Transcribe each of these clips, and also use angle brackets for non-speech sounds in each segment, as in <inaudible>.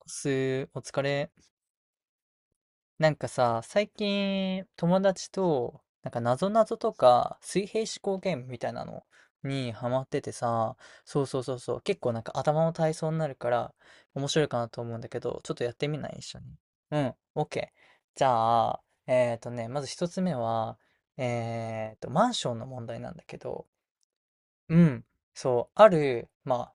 おす、お疲れ。なんかさ、最近友達と、なんか謎ぞなぞとか水平思考ゲームみたいなのにハマっててさ、そうそうそうそう、結構なんか頭の体操になるから面白いかなと思うんだけど、ちょっとやってみない一緒に？うん、OK。じゃあ、まず一つ目は、マンションの問題なんだけど、うん、そう、ある、まあ、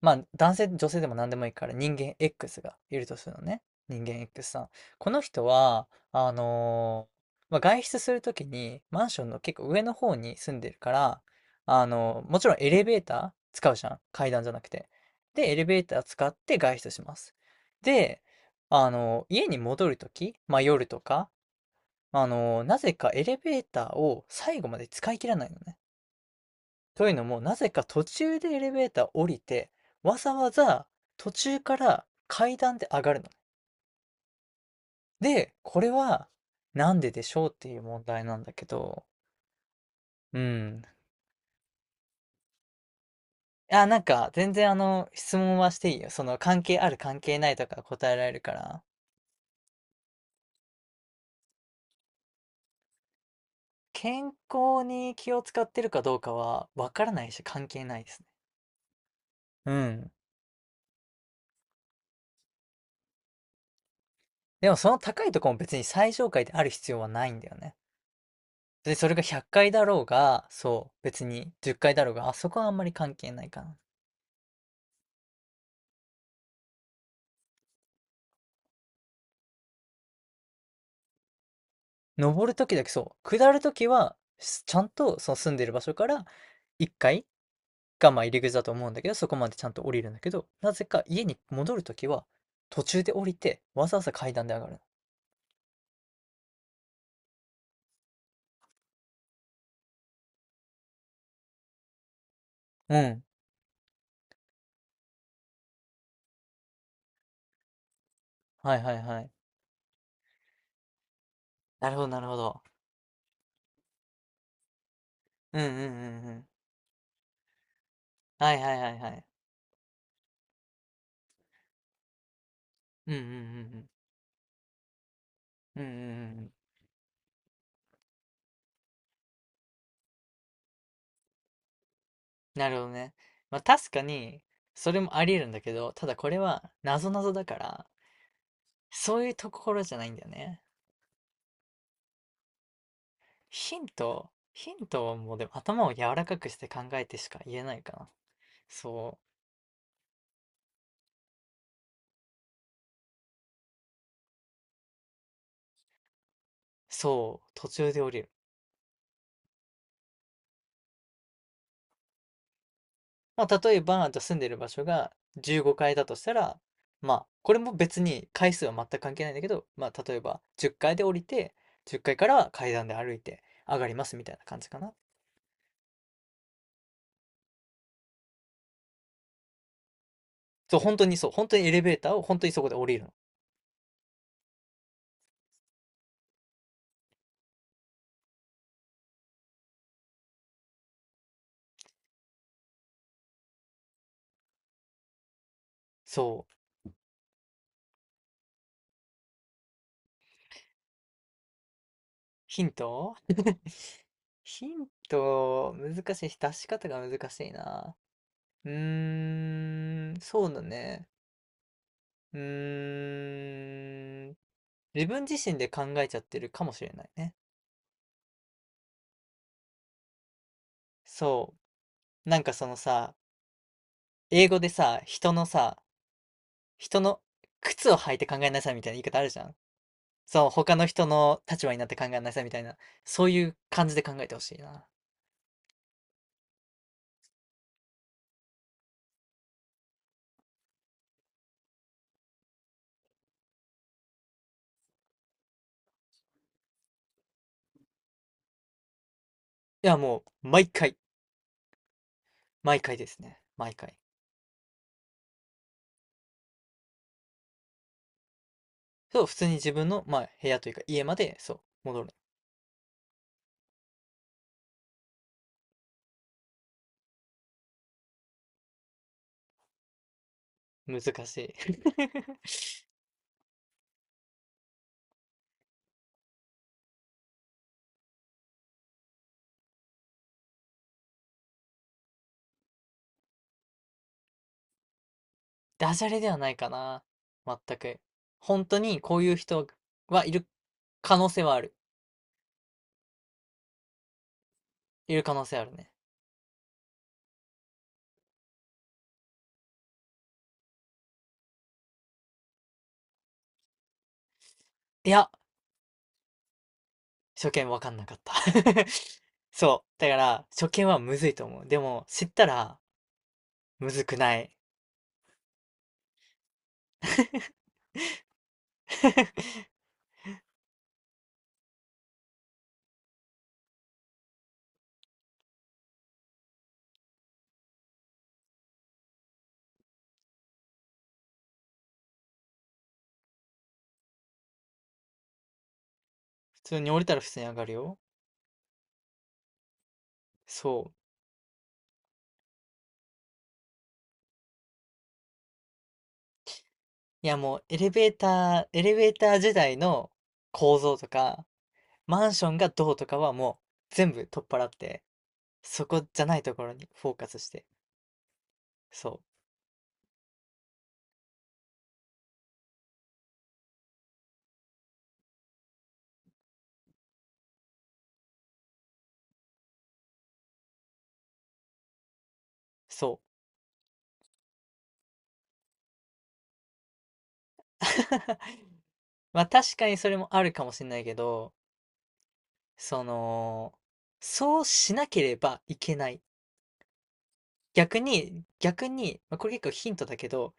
まあ、男性、女性でも何でもいいから、人間 X がいるとするのね。人間 X さん。この人は、まあ、外出するときに、マンションの結構上の方に住んでるから、もちろんエレベーター使うじゃん。階段じゃなくて。で、エレベーター使って外出します。で、家に戻るとき、まあ、夜とか、なぜかエレベーターを最後まで使い切らないのね。というのも、なぜか途中でエレベーター降りて、わざわざ途中から階段で上がるのね。で、これはなんででしょうっていう問題なんだけど、うん。あ、なんか全然質問はしていいよ。その関係ある関係ないとか答えられるから。健康に気を使ってるかどうかはわからないし関係ないですね。うん。でもその高いとこも別に最上階である必要はないんだよね。で、それが100回だろうが、そう、別に10回だろうが、あそこはあんまり関係ないかな。登るときだけそう、下るときは、ちゃんとその住んでる場所から1階がまあ入り口だと思うんだけど、そこまでちゃんと降りるんだけど、なぜか家に戻るときは、途中で降りて、わざわざ階段で上がるの。うん。はいはいはい。なるほどなるほど。うんうんうんうん。はいはいはいはい。うんうんうんうん。うんうんうんうん。なるほどね。まあ確かに、それもあり得るんだけど、ただこれは、なぞなぞだから、そういうところじゃないんだよね。ヒント、ヒントはもうでも頭を柔らかくして考えてしか言えないかな。そう、そう、途中で降りる。まあ例えば、じゃあ住んでる場所が15階だとしたら、まあ、これも別に回数は全く関係ないんだけど、まあ例えば10階で降りて、10階から階段で歩いて上がりますみたいな感じかな。そう、本当にそう、本当にエレベーターを本当にそこで降りるの。そう。ヒント <laughs> ヒント、難しいし、出し方が難しいな。うーん、そうだね。うーん、自分自身で考えちゃってるかもしれないね。そう。なんかそのさ、英語でさ、人の靴を履いて考えなさいみたいな言い方あるじゃん。そう、他の人の立場になって考えなさいみたいな、そういう感じで考えてほしいな。いや、もう、毎回、毎回ですね。毎回。そう、普通に自分の、まあ、部屋というか家まで、そう、戻るの。難しい。<laughs> ダジャレではないかな。全く。本当にこういう人はいる可能性はある。いる可能性あるね。いや、初見わかんなかった。<laughs> そう。だから、初見はむずいと思う。でも、知ったら、むずくない。<laughs> 普通に降りたら普通に上がるよ。そう。いや、もう、エレベーター時代の構造とか、マンションがどうとかはもう全部取っ払って、そこじゃないところにフォーカスして。そう、そう <laughs>。まあ確かにそれもあるかもしれないけど、その、そうしなければいけない。逆に、まあ、これ結構ヒントだけど、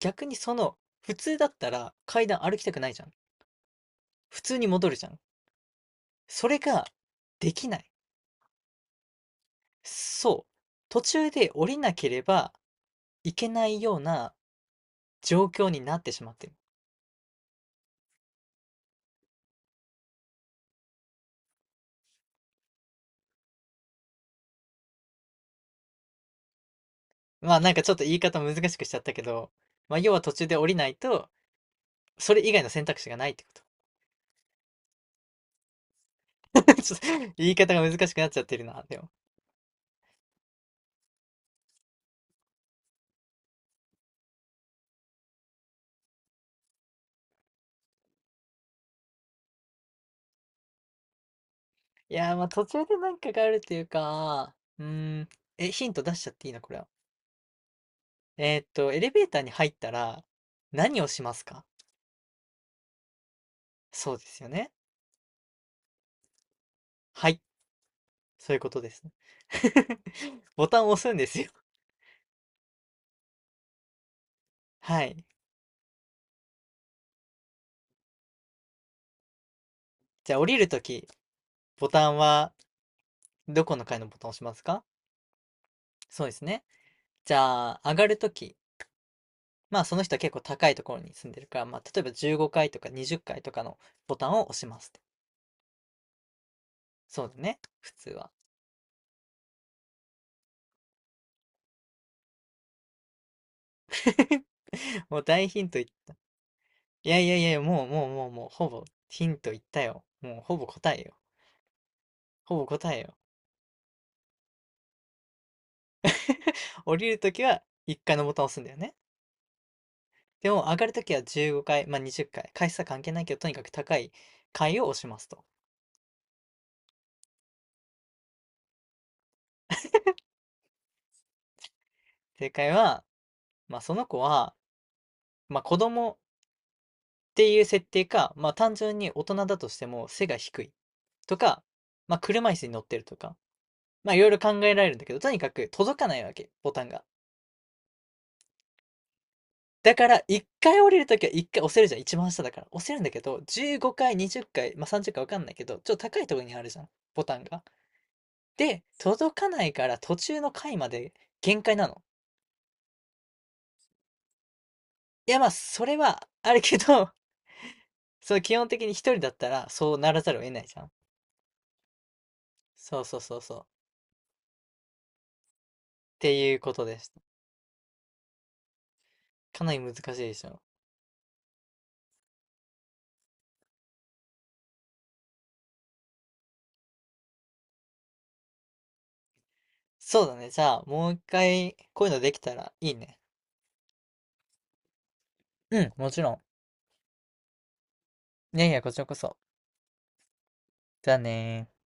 逆に普通だったら階段歩きたくないじゃん。普通に戻るじゃん。それができない。そう。途中で降りなければいけないような状況になってしまってる。まあ、なんかちょっと言い方難しくしちゃったけど、まあ、要は途中で降りないと、それ以外の選択肢がないってこと。<laughs> ちょっと言い方が難しくなっちゃってるな、でも。いやー、まあ途中でなんかがあるっていうか、ん、ヒント出しちゃっていいのこれは？エレベーターに入ったら何をしますか？そうですよね。はい、そういうことですね。<laughs> ボタンを押すんですよ。はい。じゃあ降りるとき、ボタンはどこの階のボタンを押しますか？そうですね。じゃあ、上がるとき、まあその人は結構高いところに住んでるから、まあ例えば15階とか20階とかのボタンを押しますって。そうだね、普通は。<laughs> もう大ヒントいやいやいや、もうもうもうもう、ほぼヒント言ったよ。もうほぼ答えよ。ほぼ答えよ。降りるときは1階のボタンを押すんだよね。でも上がるときは15階、まあ20階、回数は関係ないけど、とにかく高い階を押しますと。正解は、まあその子は、まあ子供っていう設定か、まあ単純に大人だとしても背が低い。とか、まあ、車椅子に乗ってるとか、まあ、いろいろ考えられるんだけど、とにかく届かないわけ、ボタンが。だから、一回降りるときは一回押せるじゃん、一番下だから。押せるんだけど、15回、20回、まあ、30回わかんないけど、ちょっと高いところにあるじゃん、ボタンが。で、届かないから途中の回まで限界なの。いや、まあ、それはあるけど、<laughs> そう、基本的に一人だったら、そうならざるを得ないじゃん。そうそうそうそう。っていうことです。かなり難しいでしょ。そうだね。じゃあ、もう一回、こういうのできたらいいね。うん、もちろん。いやいや、こちらこそ。じゃあねー。